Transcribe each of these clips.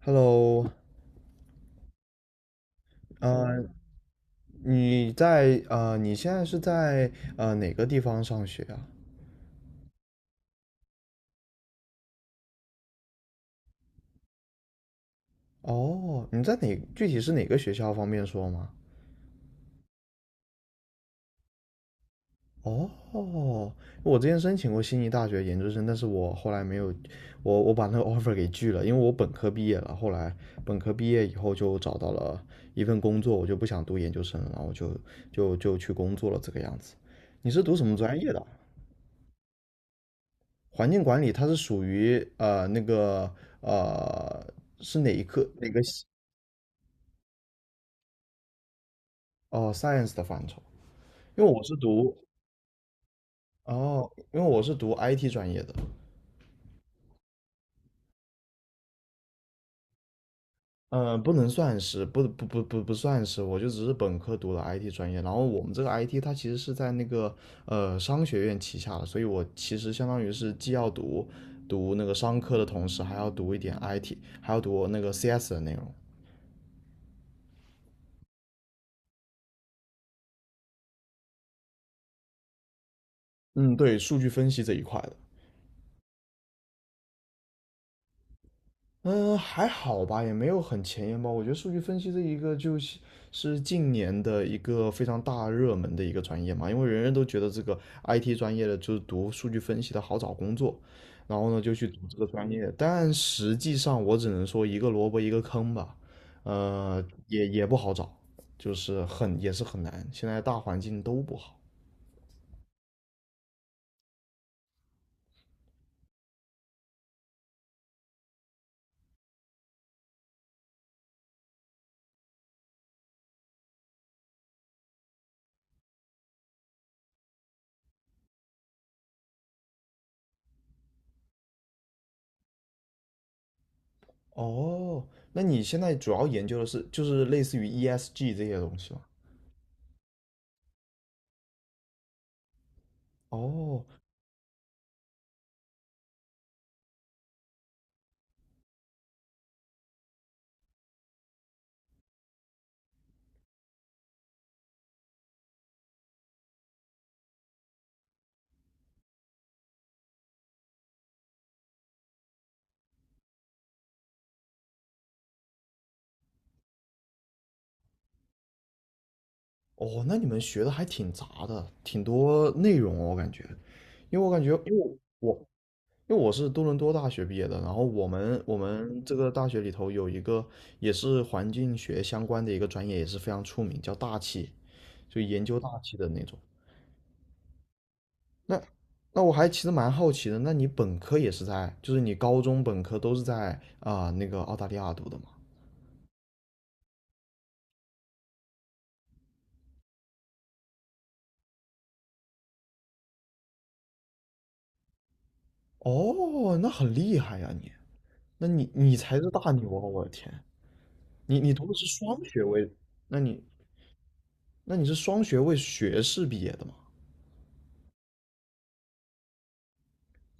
Hello，呃，你现在是在哪个地方上学啊？哦，你在哪，具体是哪个学校，方便说吗？哦，我之前申请过悉尼大学研究生，但是我后来没有，我把那个 offer 给拒了，因为我本科毕业了，后来本科毕业以后就找到了一份工作，我就不想读研究生了，然后就去工作了这个样子。你是读什么专业的啊？环境管理它是属于那个呃是哪一科哪个系？哦 science 的范畴？因为我是读哦，因为我是读 IT 专业的。嗯、不能算是不不不不不算是，我就只是本科读了 IT 专业，然后我们这个 IT 它其实是在那个商学院旗下的，所以我其实相当于是既要读那个商科的同时，还要读一点 IT，还要读那个 CS 的内容。嗯，对，数据分析这一块的。嗯，还好吧，也没有很前沿吧。我觉得数据分析这一个就是近年的一个非常大热门的一个专业嘛，因为人人都觉得这个 IT 专业的就是读数据分析的好找工作，然后呢就去读这个专业。但实际上我只能说一个萝卜一个坑吧，呃，也不好找，就是很也是很难，现在大环境都不好。哦，那你现在主要研究的是就是类似于 ESG 这些东西吗？哦，哦，那你们学的还挺杂的，挺多内容哦，我感觉，因为我感觉，因为我因为我是多伦多大学毕业的，然后我们这个大学里头有一个也是环境学相关的一个专业，也是非常出名，叫大气，就研究大气的那种。那那我还其实蛮好奇的，那你本科也是在，就是你高中本科都是在啊、那个澳大利亚读的吗？哦，那很厉害呀你，那你才是大牛啊，我的天！你读的是双学位，那你那你是双学位学士毕业的吗？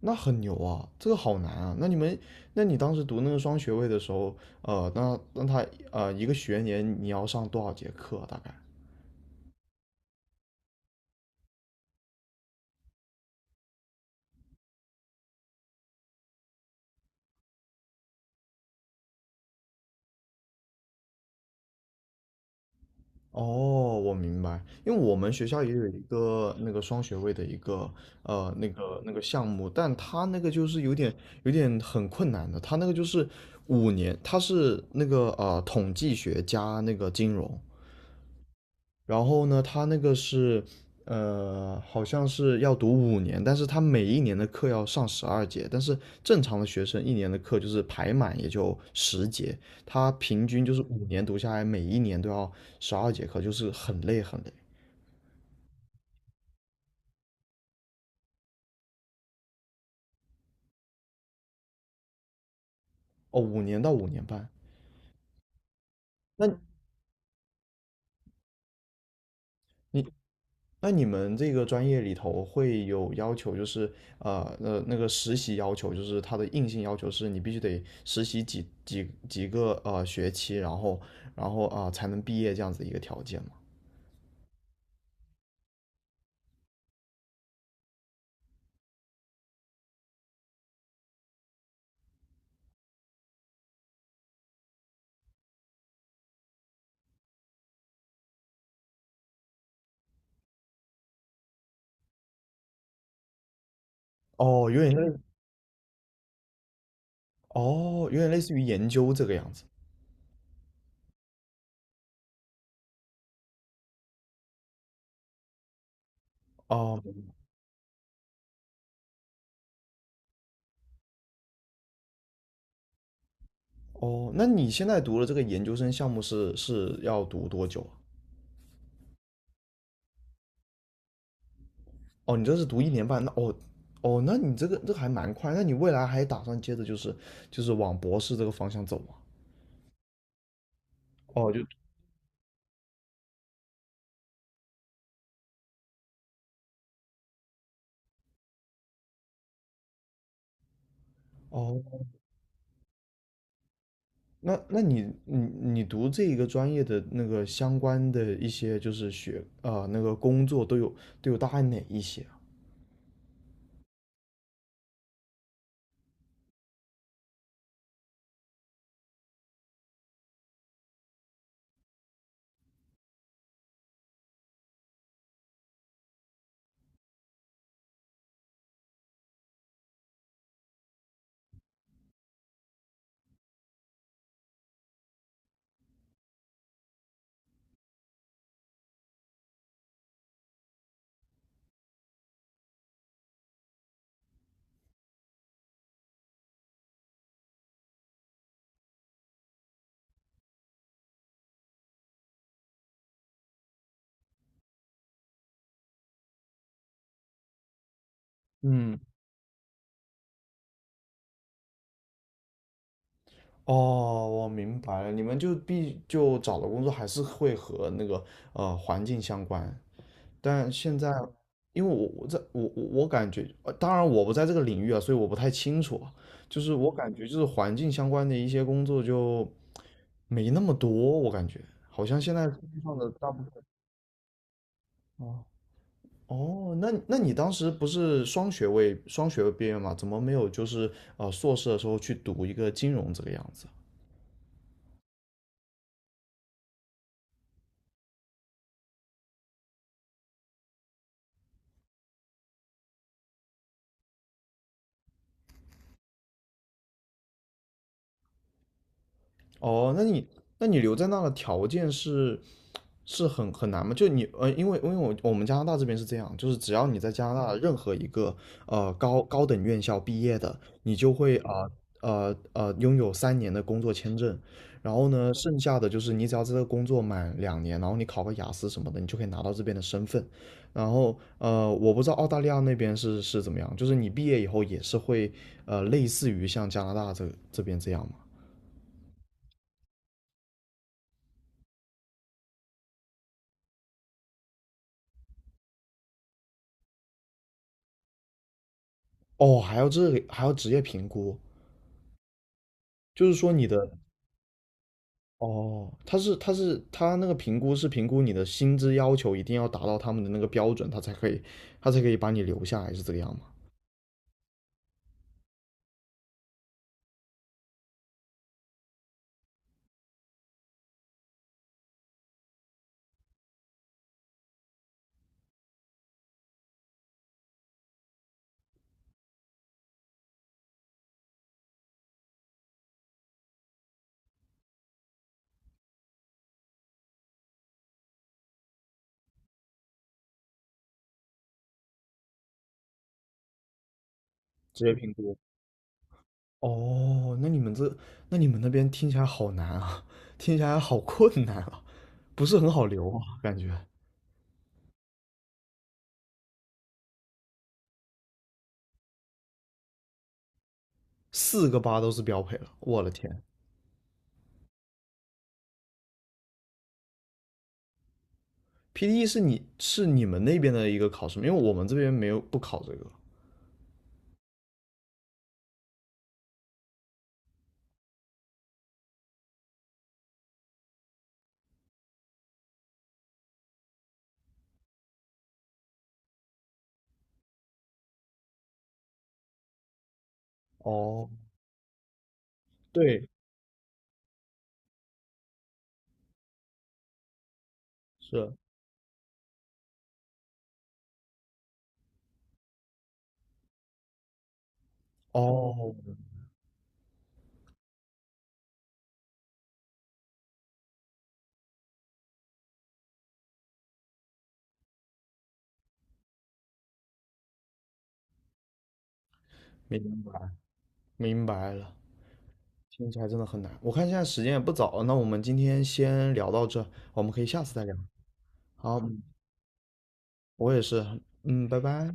那很牛啊，这个好难啊。那你当时读那个双学位的时候，那那他呃一个学年你要上多少节课啊大概？哦，我明白，因为我们学校也有一个那个双学位的一个那个项目，但他那个就是有点很困难的，他那个就是五年，他是那个统计学加那个金融，然后呢，他那个是，好像是要读五年，但是他每一年的课要上十二节，但是正常的学生一年的课就是排满也就十节，他平均就是五年读下来，每一年都要十二节课，就是很累很累。哦，5年到5年半。那你那你们这个专业里头会有要求，就是那个实习要求，就是它的硬性要求是你必须得实习几个学期，然后才能毕业这样子的一个条件吗？哦，有点类，哦，有点类似于研究这个样子。哦哦，那你现在读的这个研究生项目是要读多久啊？哦，你这是读1年半，那哦哦，那你这个还蛮快，那你未来还打算接着就是往博士这个方向走吗？哦，哦，那你读这一个专业的那个相关的一些就是那个工作都有大概哪一些啊？嗯，哦，我明白了，你们就找的工作还是会和那个环境相关，但现在因为我感觉，当然我不在这个领域啊，所以我不太清楚啊就是我感觉就是环境相关的一些工作就没那么多，我感觉好像现在世界上的大部分啊。哦哦，那你当时不是双学位毕业吗？怎么没有就是硕士的时候去读一个金融这个样子？哦，那你留在那的条件是很难吗？因为我们加拿大这边是这样，就是只要你在加拿大任何一个高等院校毕业的，你就会啊呃拥有3年的工作签证，然后呢，剩下的就是你只要在这个工作满2年，然后你考个雅思什么的，你就可以拿到这边的身份。然后我不知道澳大利亚那边是怎么样，就是你毕业以后也是会类似于像加拿大这边这样吗？哦，还要职业评估，就是说你的哦，他那个评估是评估你的薪资要求一定要达到他们的那个标准，他才可以把你留下来，是这个样吗？职业评估。哦，那你们那边听起来好难啊，听起来好困难啊，不是很好留啊，感觉4个8都是标配了，我的天！PDE 是你们那边的一个考试吗？因为我们这边没有不考这个。哦，对，是，哦，明白明白了。听起来真的很难。我看现在时间也不早了，那我们今天先聊到这，我们可以下次再聊。好，嗯，我也是，嗯，拜拜。